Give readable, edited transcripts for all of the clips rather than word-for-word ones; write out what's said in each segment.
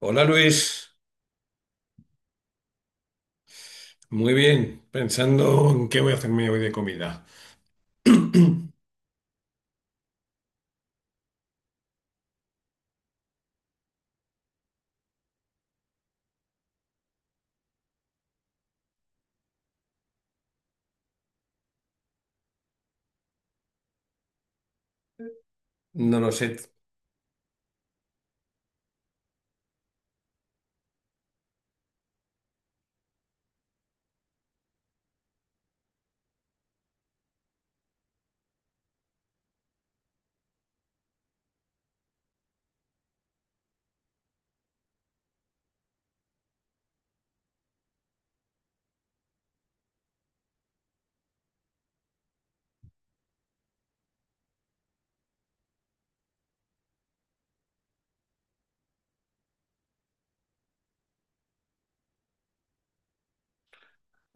Hola Luis, muy bien, pensando en qué voy a hacerme hoy de comida. No lo sé.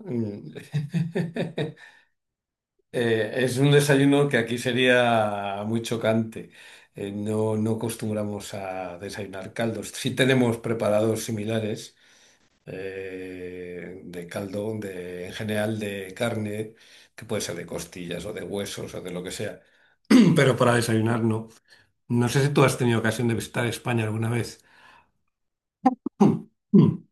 Mm. Es un desayuno que aquí sería muy chocante. No, no acostumbramos a desayunar caldos. Sí tenemos preparados similares de caldo, en general de carne, que puede ser de costillas o de huesos o de lo que sea. Pero para desayunar no. No sé si tú has tenido ocasión de visitar España alguna vez. Mm, mm.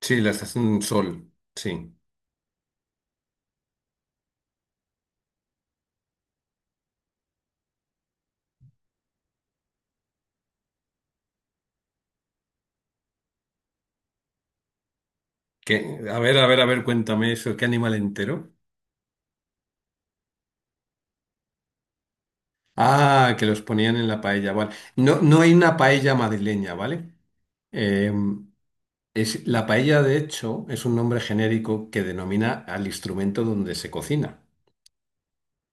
Sí, la estación Sol, sí. A ver, a ver, a ver, cuéntame eso, ¿qué animal entero? Ah, que los ponían en la paella, vale. No, no hay una paella madrileña, ¿vale? Eh, la paella, de hecho, es un nombre genérico que denomina al instrumento donde se cocina,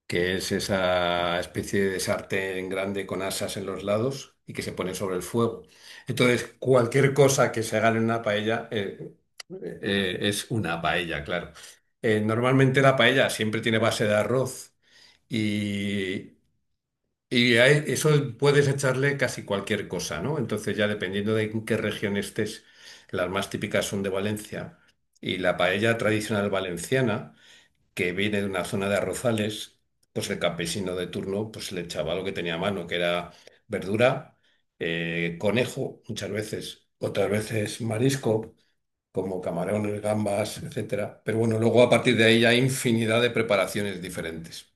que es esa especie de sartén grande con asas en los lados y que se pone sobre el fuego. Entonces, cualquier cosa que se haga en una paella es una paella, claro. Normalmente la paella siempre tiene base de arroz y, y a eso puedes echarle casi cualquier cosa, ¿no? Entonces, ya dependiendo de en qué región estés, las más típicas son de Valencia. Y la paella tradicional valenciana, que viene de una zona de arrozales, pues, el campesino de turno le echaba lo que tenía a mano, que era verdura, conejo muchas veces, otras veces marisco, como camarones, gambas, etcétera. Pero bueno, luego a partir de ahí hay infinidad de preparaciones diferentes.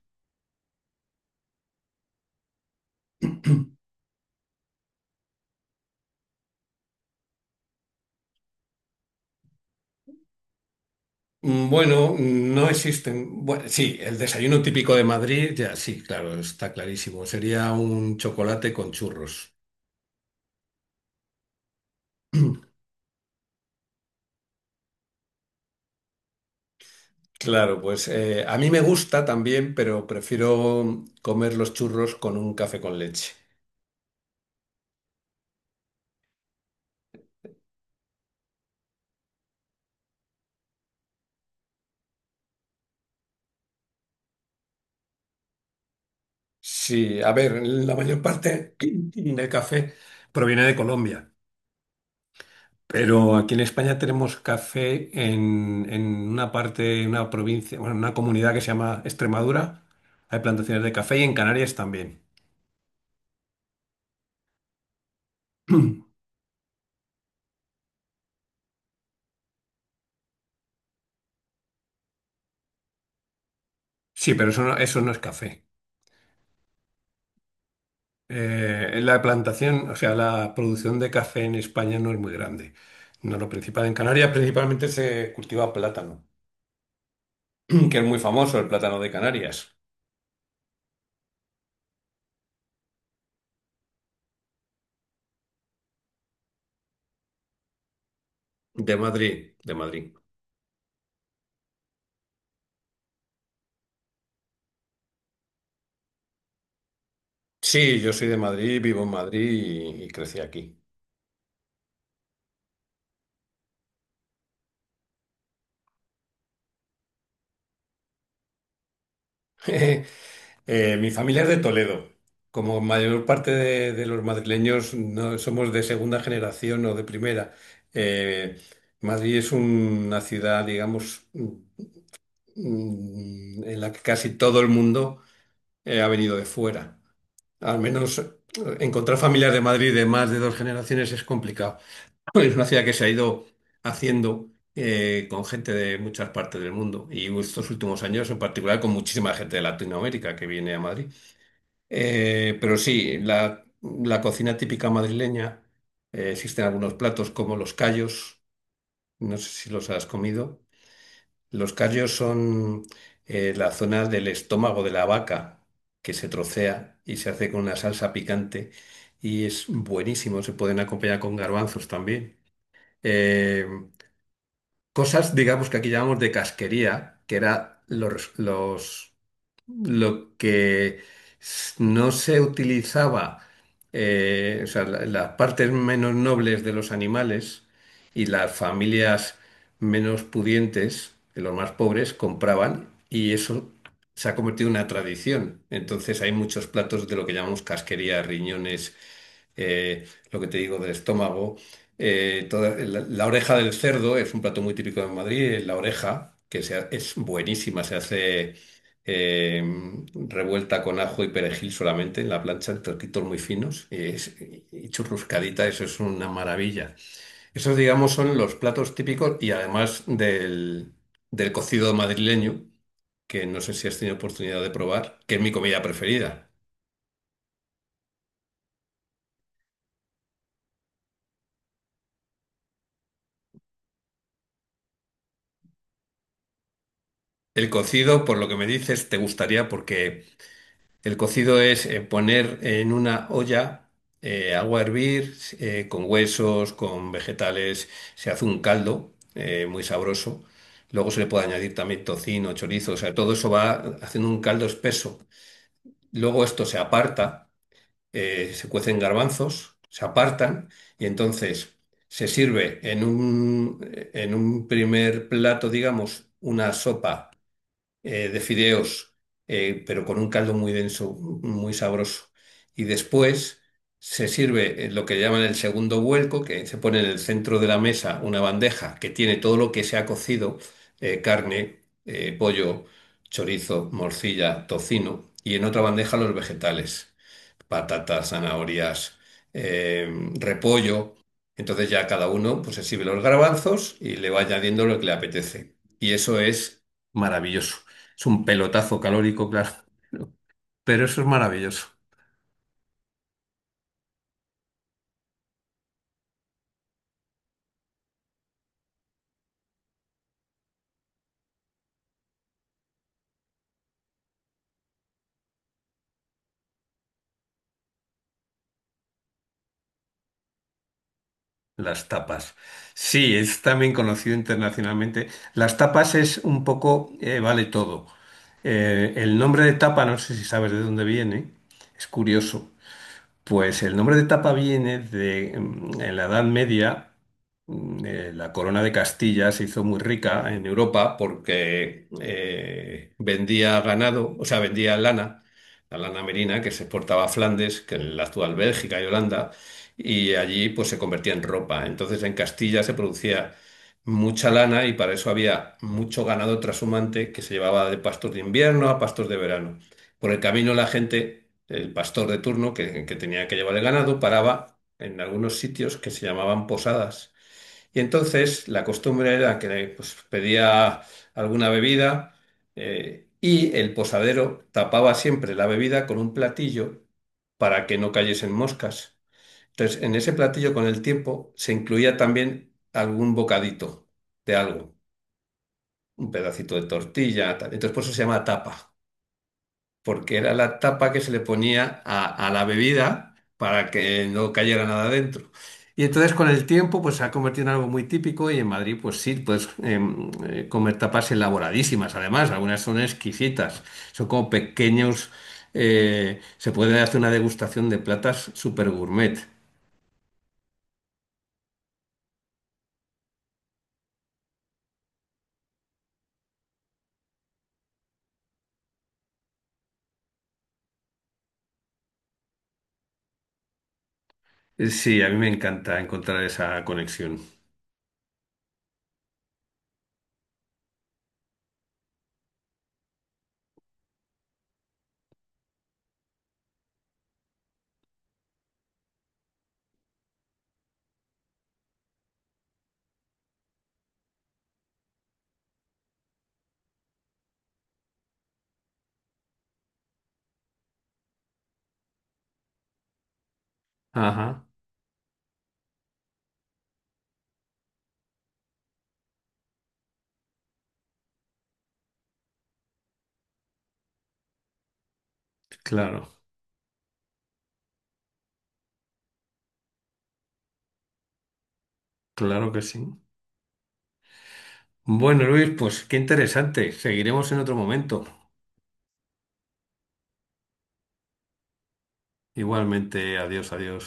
Bueno, no existen. Bueno, sí, el desayuno típico de Madrid, ya sí, claro, está clarísimo. Sería un chocolate con churros. Claro, pues a mí me gusta también, pero prefiero comer los churros con un café con leche. Sí, a ver, la mayor parte del café proviene de Colombia, pero aquí en España tenemos café en una parte, en una provincia, bueno, en una comunidad que se llama Extremadura. Hay plantaciones de café y en Canarias también. Sí, pero eso no es café. La plantación, o sea, la producción de café en España no es muy grande. No, lo principal en Canarias principalmente se cultiva plátano, que es muy famoso el plátano de Canarias. De Madrid, de Madrid. Sí, yo soy de Madrid, vivo en Madrid y crecí aquí. Mi familia es de Toledo. Como mayor parte de los madrileños no somos de segunda generación o de primera. Eh, Madrid es una ciudad, digamos, en la que casi todo el mundo ha venido de fuera. Al menos, encontrar familias de Madrid de más de dos generaciones es complicado. Es una ciudad que se ha ido haciendo con gente de muchas partes del mundo y estos últimos años en particular con muchísima gente de Latinoamérica que viene a Madrid. Pero sí, la cocina típica madrileña, existen algunos platos como los callos, no sé si los has comido. Los callos son la zona del estómago de la vaca que se trocea y se hace con una salsa picante y es buenísimo. Se pueden acompañar con garbanzos también. Eh, Cosas, digamos, que aquí llamamos de casquería, que era los lo que s- no se utilizaba, o sea, las partes menos nobles de los animales y las familias menos pudientes, de los más pobres, compraban, y eso se ha convertido en una tradición. Entonces hay muchos platos de lo que llamamos casquería, riñones, lo que te digo del estómago. La oreja del cerdo es un plato muy típico de Madrid, la oreja, es buenísima, se hace eh, revuelta con ajo y perejil solamente en la plancha, en trocitos muy finos y churruscadita, eso es una maravilla. Esos, digamos, son los platos típicos, y además del cocido madrileño, que no sé si has tenido oportunidad de probar, que es mi comida preferida. El cocido, por lo que me dices, te gustaría, porque el cocido es poner en una olla agua a hervir con huesos, con vegetales, se hace un caldo muy sabroso. Luego se le puede añadir también tocino, chorizo, o sea, todo eso va haciendo un caldo espeso. Luego esto se aparta, se cuecen garbanzos, se apartan, y entonces se sirve en un primer plato, digamos, una sopa de fideos, pero con un caldo muy denso, muy sabroso. Y después se sirve lo que llaman el segundo vuelco, que se pone en el centro de la mesa una bandeja que tiene todo lo que se ha cocido, carne, pollo, chorizo, morcilla, tocino, y en otra bandeja los vegetales, patatas, zanahorias, eh, repollo. Entonces ya cada uno pues se sirve los garbanzos y le va añadiendo lo que le apetece. Y eso es maravilloso. Es un pelotazo calórico, claro, pero eso es maravilloso. Las tapas. Sí, es también conocido internacionalmente. Las tapas es un poco, vale todo. El nombre de tapa, no sé si sabes de dónde viene, es curioso. Pues el nombre de tapa viene de, en la Edad Media, la corona de Castilla se hizo muy rica en Europa porque vendía ganado, o sea, vendía lana, la lana merina que se exportaba a Flandes, que es la actual Bélgica y Holanda, y allí pues se convertía en ropa. Entonces en Castilla se producía mucha lana y para eso había mucho ganado trashumante que se llevaba de pastos de invierno a pastos de verano. Por el camino la gente, el pastor de turno que tenía que llevar el ganado, paraba en algunos sitios que se llamaban posadas. Y entonces la costumbre era que pedía alguna bebida, y el posadero tapaba siempre la bebida con un platillo para que no cayesen moscas. Entonces, en ese platillo con el tiempo se incluía también algún bocadito de algo, un pedacito de tortilla, tal. Entonces, por eso se llama tapa porque era la tapa que se le ponía a la bebida para que no cayera nada dentro. Y entonces con el tiempo pues se ha convertido en algo muy típico, y en Madrid pues sí, puedes comer tapas elaboradísimas, además algunas son exquisitas, son como pequeños, se puede hacer una degustación de platas super gourmet. Sí, a mí me encanta encontrar esa conexión. Ajá, claro, claro que sí. Bueno, Luis, pues qué interesante. Seguiremos en otro momento. Igualmente, adiós, adiós.